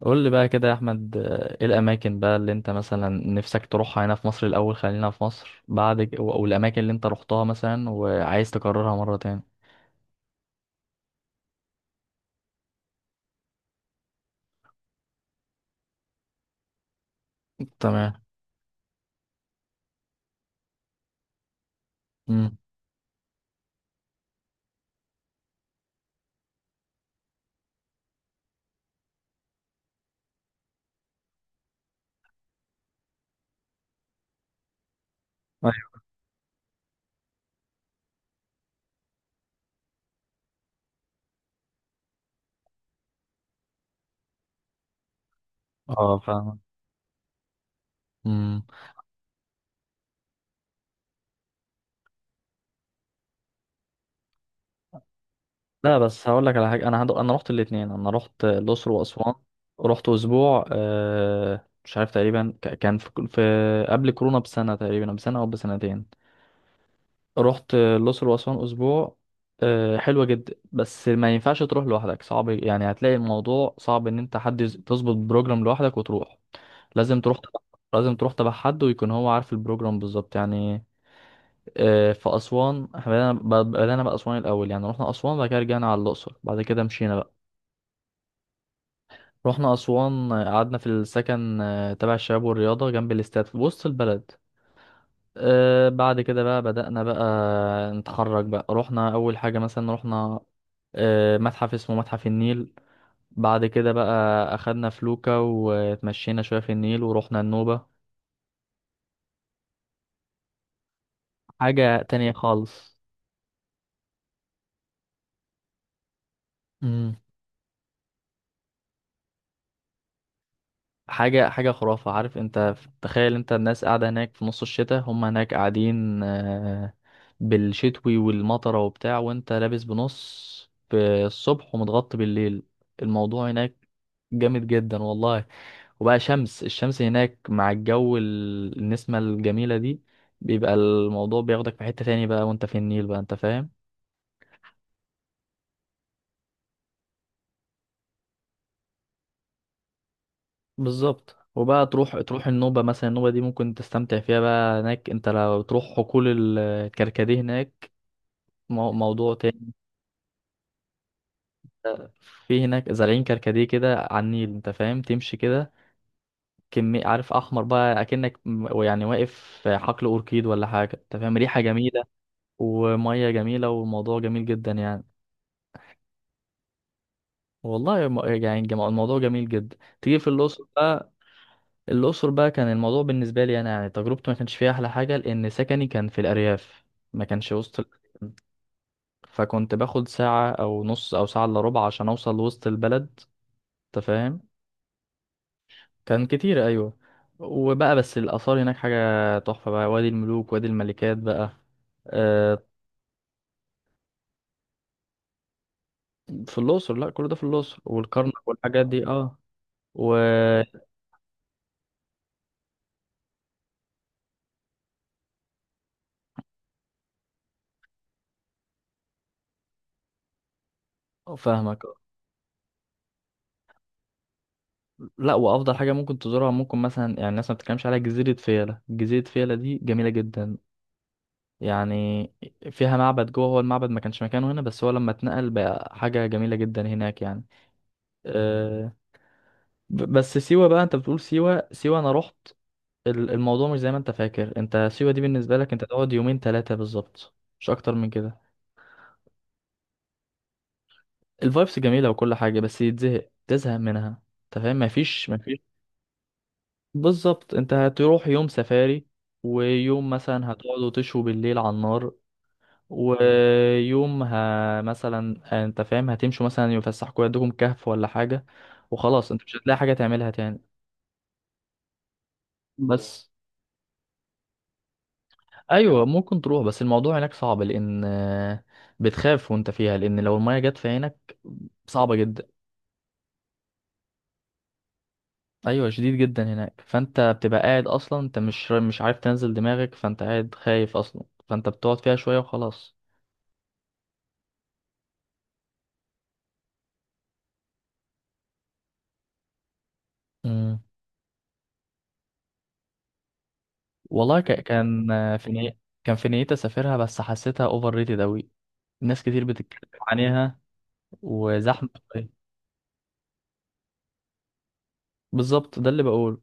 قول لي بقى كده يا احمد، ايه الاماكن بقى اللي انت مثلا نفسك تروحها هنا في مصر؟ الاول خلينا في مصر بعد والاماكن اللي انت روحتها مثلا وعايز تكررها مره تاني. تمام. امم. أيوة. اه، فاهم. امم. لا، بس هقول لك على حاجه. انا رحت الاثنين، انا رحت الاقصر واسوان. رحت اسبوع، مش عارف تقريبا، كان في قبل كورونا بسنه، تقريبا بسنه او بسنتين. رحت الأقصر وأسوان أسبوع. حلوة جدا، بس ما ينفعش تروح لوحدك، صعب يعني. هتلاقي الموضوع صعب إن أنت حد تظبط بروجرام لوحدك وتروح. لازم تروح تبع لازم تروح تبع حد، ويكون هو عارف البروجرام بالظبط يعني. في أسوان إحنا بدأنا بأسوان الأول يعني. رحنا أسوان، بعد كده رجعنا على الأقصر، بعد كده مشينا بقى. رحنا أسوان، قعدنا في السكن تبع الشباب والرياضة، جنب الاستاد في وسط البلد. بعد كده بقى بدأنا بقى نتحرك بقى. رحنا أول حاجة مثلا، رحنا متحف اسمه متحف النيل. بعد كده بقى أخدنا فلوكة وتمشينا شوية في النيل، ورحنا النوبة. حاجة تانية خالص. مم. حاجة حاجة خرافة، عارف انت. تخيل انت، الناس قاعدة هناك في نص الشتاء، هم هناك قاعدين، بالشتوي والمطرة وبتاع، وانت لابس بنص في الصبح ومتغطي بالليل. الموضوع هناك جامد جدا والله. وبقى الشمس هناك مع الجو، النسمة الجميلة دي بيبقى الموضوع بياخدك في حتة تاني بقى، وانت في النيل بقى، انت فاهم. بالظبط. وبقى تروح النوبة مثلا، النوبة دي ممكن تستمتع فيها بقى هناك. انت لو تروح حقول الكركديه هناك، موضوع تاني. في هناك زارعين كركديه كده على النيل، انت فاهم، تمشي كده كمية، عارف، احمر بقى، اكنك يعني واقف في حقل اوركيد ولا حاجة، انت فاهم، ريحة جميلة ومية جميلة وموضوع جميل جدا يعني. والله يعني الموضوع جميل جدا. تيجي في الأقصر بقى، الأقصر بقى كان الموضوع بالنسبة لي أنا يعني تجربتي ما كانش فيها أحلى حاجة، لأن سكني كان في الأرياف، ما كانش وسط فكنت باخد ساعة أو نص أو ساعة إلا ربع عشان أوصل لوسط البلد، أنت فاهم. كان كتير، أيوة. وبقى بس الآثار هناك حاجة تحفة بقى، وادي الملوك، وادي الملكات بقى. آه، في الأقصر. لا، كل ده في الأقصر والكرنك والحاجات دي، اه. وفاهمك. لا، وافضل حاجه ممكن تزورها، ممكن مثلا يعني الناس ما بتتكلمش عليها، جزيره فيلة. جزيره فيلة دي جميله جدا يعني. فيها معبد جوه، هو المعبد ما كانش مكانه هنا بس هو لما اتنقل بقى حاجه جميله جدا هناك يعني. أه. بس سيوه بقى، انت بتقول سيوه سيوه، انا رحت الموضوع مش زي ما انت فاكر. انت سيوه دي بالنسبه لك انت تقعد يومين ثلاثه بالظبط، مش اكتر من كده. الفايبس جميله وكل حاجه، بس يتزهق تزهق منها، انت فاهم، مفيش. بالظبط. انت هتروح يوم سفاري، ويوم مثلا هتقعدوا تشوا بالليل على النار، ويوم مثلا، انت فاهم، هتمشوا مثلا يفسحكوا يدكم كهف ولا حاجة، وخلاص انت مش هتلاقي حاجة تعملها تاني. بس ايوه، ممكن تروح، بس الموضوع هناك صعب لان بتخاف وانت فيها، لان لو المية جت في عينك صعبة جدا. ايوه شديد جدا هناك، فانت بتبقى قاعد اصلا، انت مش عارف تنزل دماغك، فانت قاعد خايف اصلا، فانت بتقعد فيها شوية وخلاص. مم. والله كان في نيتي اسافرها بس حسيتها اوفر ريتد اوي. ناس كتير بتتكلم عليها وزحمه شوية. بالظبط، ده اللي بقول.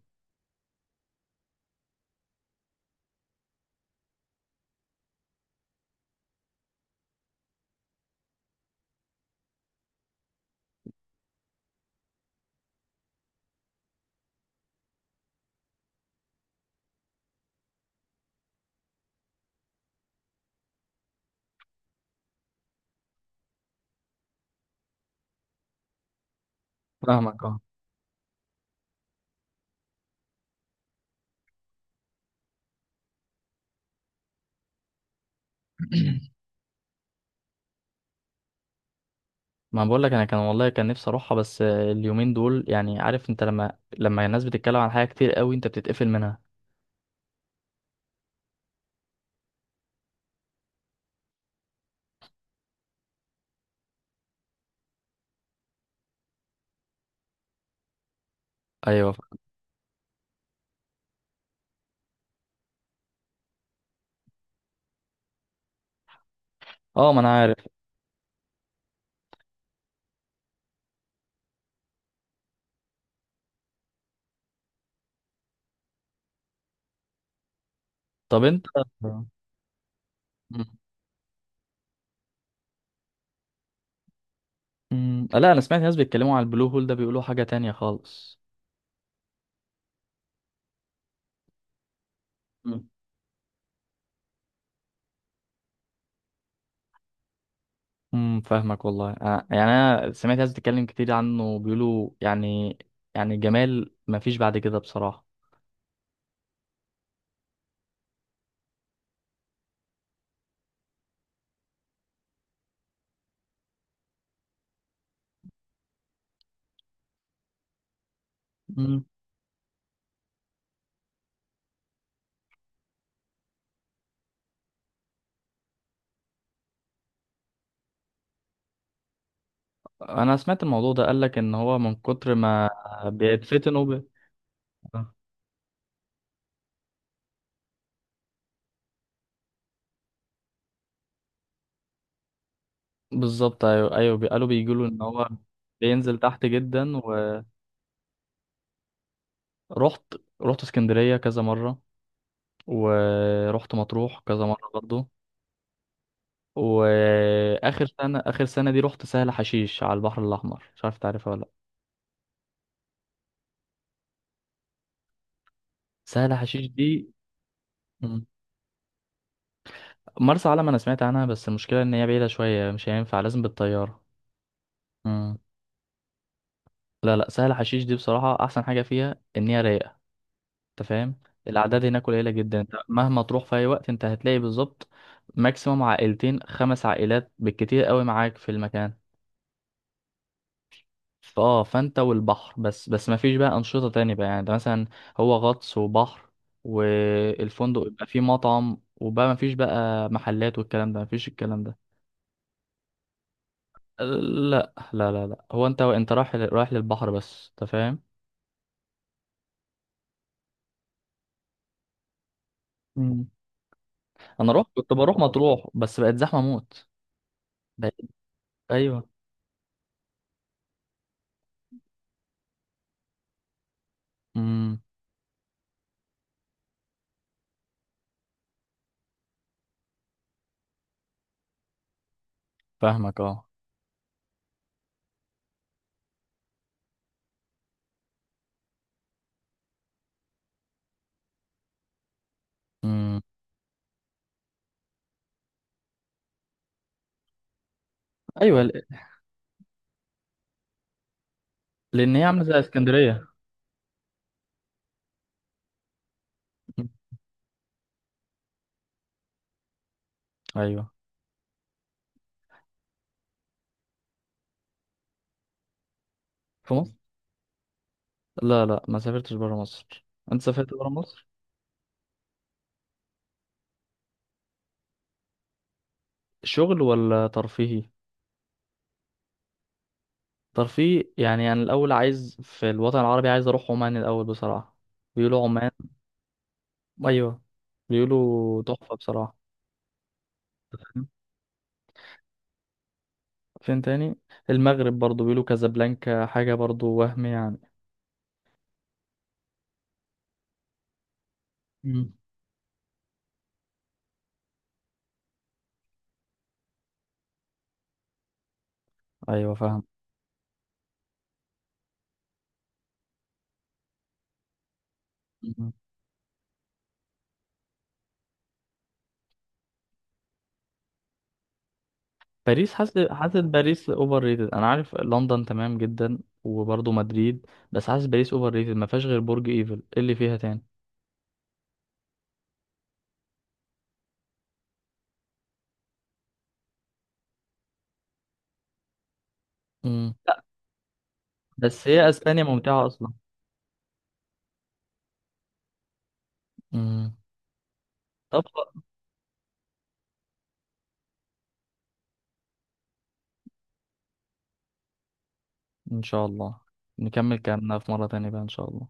فاهمك، اه. ما بقول لك، انا كان والله كان نفسي اروحها، بس اليومين دول يعني، عارف انت لما الناس بتتكلم عن حاجه كتير قوي، انت بتتقفل منها. ايوه. اه، ما انا عارف. طب انت مم. مم. لا، انا سمعت ناس بيتكلموا على البلو هول ده، بيقولوا حاجه تانية خالص. فاهمك، والله أنا يعني انا سمعت ناس بتتكلم كتير عنه بيقولوا يعني، يعني جمال ما فيش بعد كده بصراحة. امم. انا سمعت الموضوع ده، قال لك ان هو من كتر ما بيتفتن آه. بالظبط، ايوه، ايوه، قالوا بيقولوا ان هو بينزل تحت جدا. ورحت، رحت اسكندرية كذا مرة، ورحت مطروح كذا مرة برضه. واخر سنة، اخر سنة دي رحت سهل حشيش على البحر الاحمر، مش عارف تعرفها ولا لا؟ سهل حشيش دي، مرسى علم انا سمعت عنها بس المشكله ان هي بعيده شويه، مش هينفع لازم بالطياره. مم. لا، لا، سهل حشيش دي بصراحه احسن حاجه فيها ان هي رايقه، انت فاهم. الاعداد هناك قليله جدا، انت مهما تروح في اي وقت انت هتلاقي بالظبط ماكسيموم عائلتين، خمس عائلات بالكتير قوي معاك في المكان. فانت والبحر بس ما فيش بقى انشطه تانية بقى يعني، ده مثلا هو غطس وبحر، والفندق يبقى فيه مطعم وبقى ما فيش بقى محلات والكلام ده، ما فيش الكلام ده. لا، لا، لا، لا، هو انت رايح للبحر بس، انت فاهم. مم. انا رحت، كنت بروح مطروح بس بقت زحمه موت. بقت، ايوه. امم فاهمك، اه. امم. ايوه، لان هي عامله زي اسكندريه. مم. ايوه. في مصر، لا، لا، ما سافرتش بره مصر. انت سافرت بره مصر؟ شغل ولا ترفيهي؟ ترفيه يعني، انا الاول عايز في الوطن العربي، عايز اروح عمان الاول بصراحه. بيقولوا عمان. ايوه، بيقولوا تحفه بصراحه. فين تاني؟ المغرب برضو، بيقولوا كازابلانكا حاجة برضو، وهم يعني. مم. ايوه، فاهم. مم. باريس، حاسس باريس اوفر ريتد. انا عارف لندن تمام جدا. وبرضو مدريد. بس حاسس باريس اوفر ريتد، ما فيهاش غير برج ايفل، إيه اللي فيها تاني؟ مم. لا، بس هي اسبانيا ممتعة اصلا. مم. طب، ان شاء الله نكمل كلامنا في مرة تانية بقى، ان شاء الله.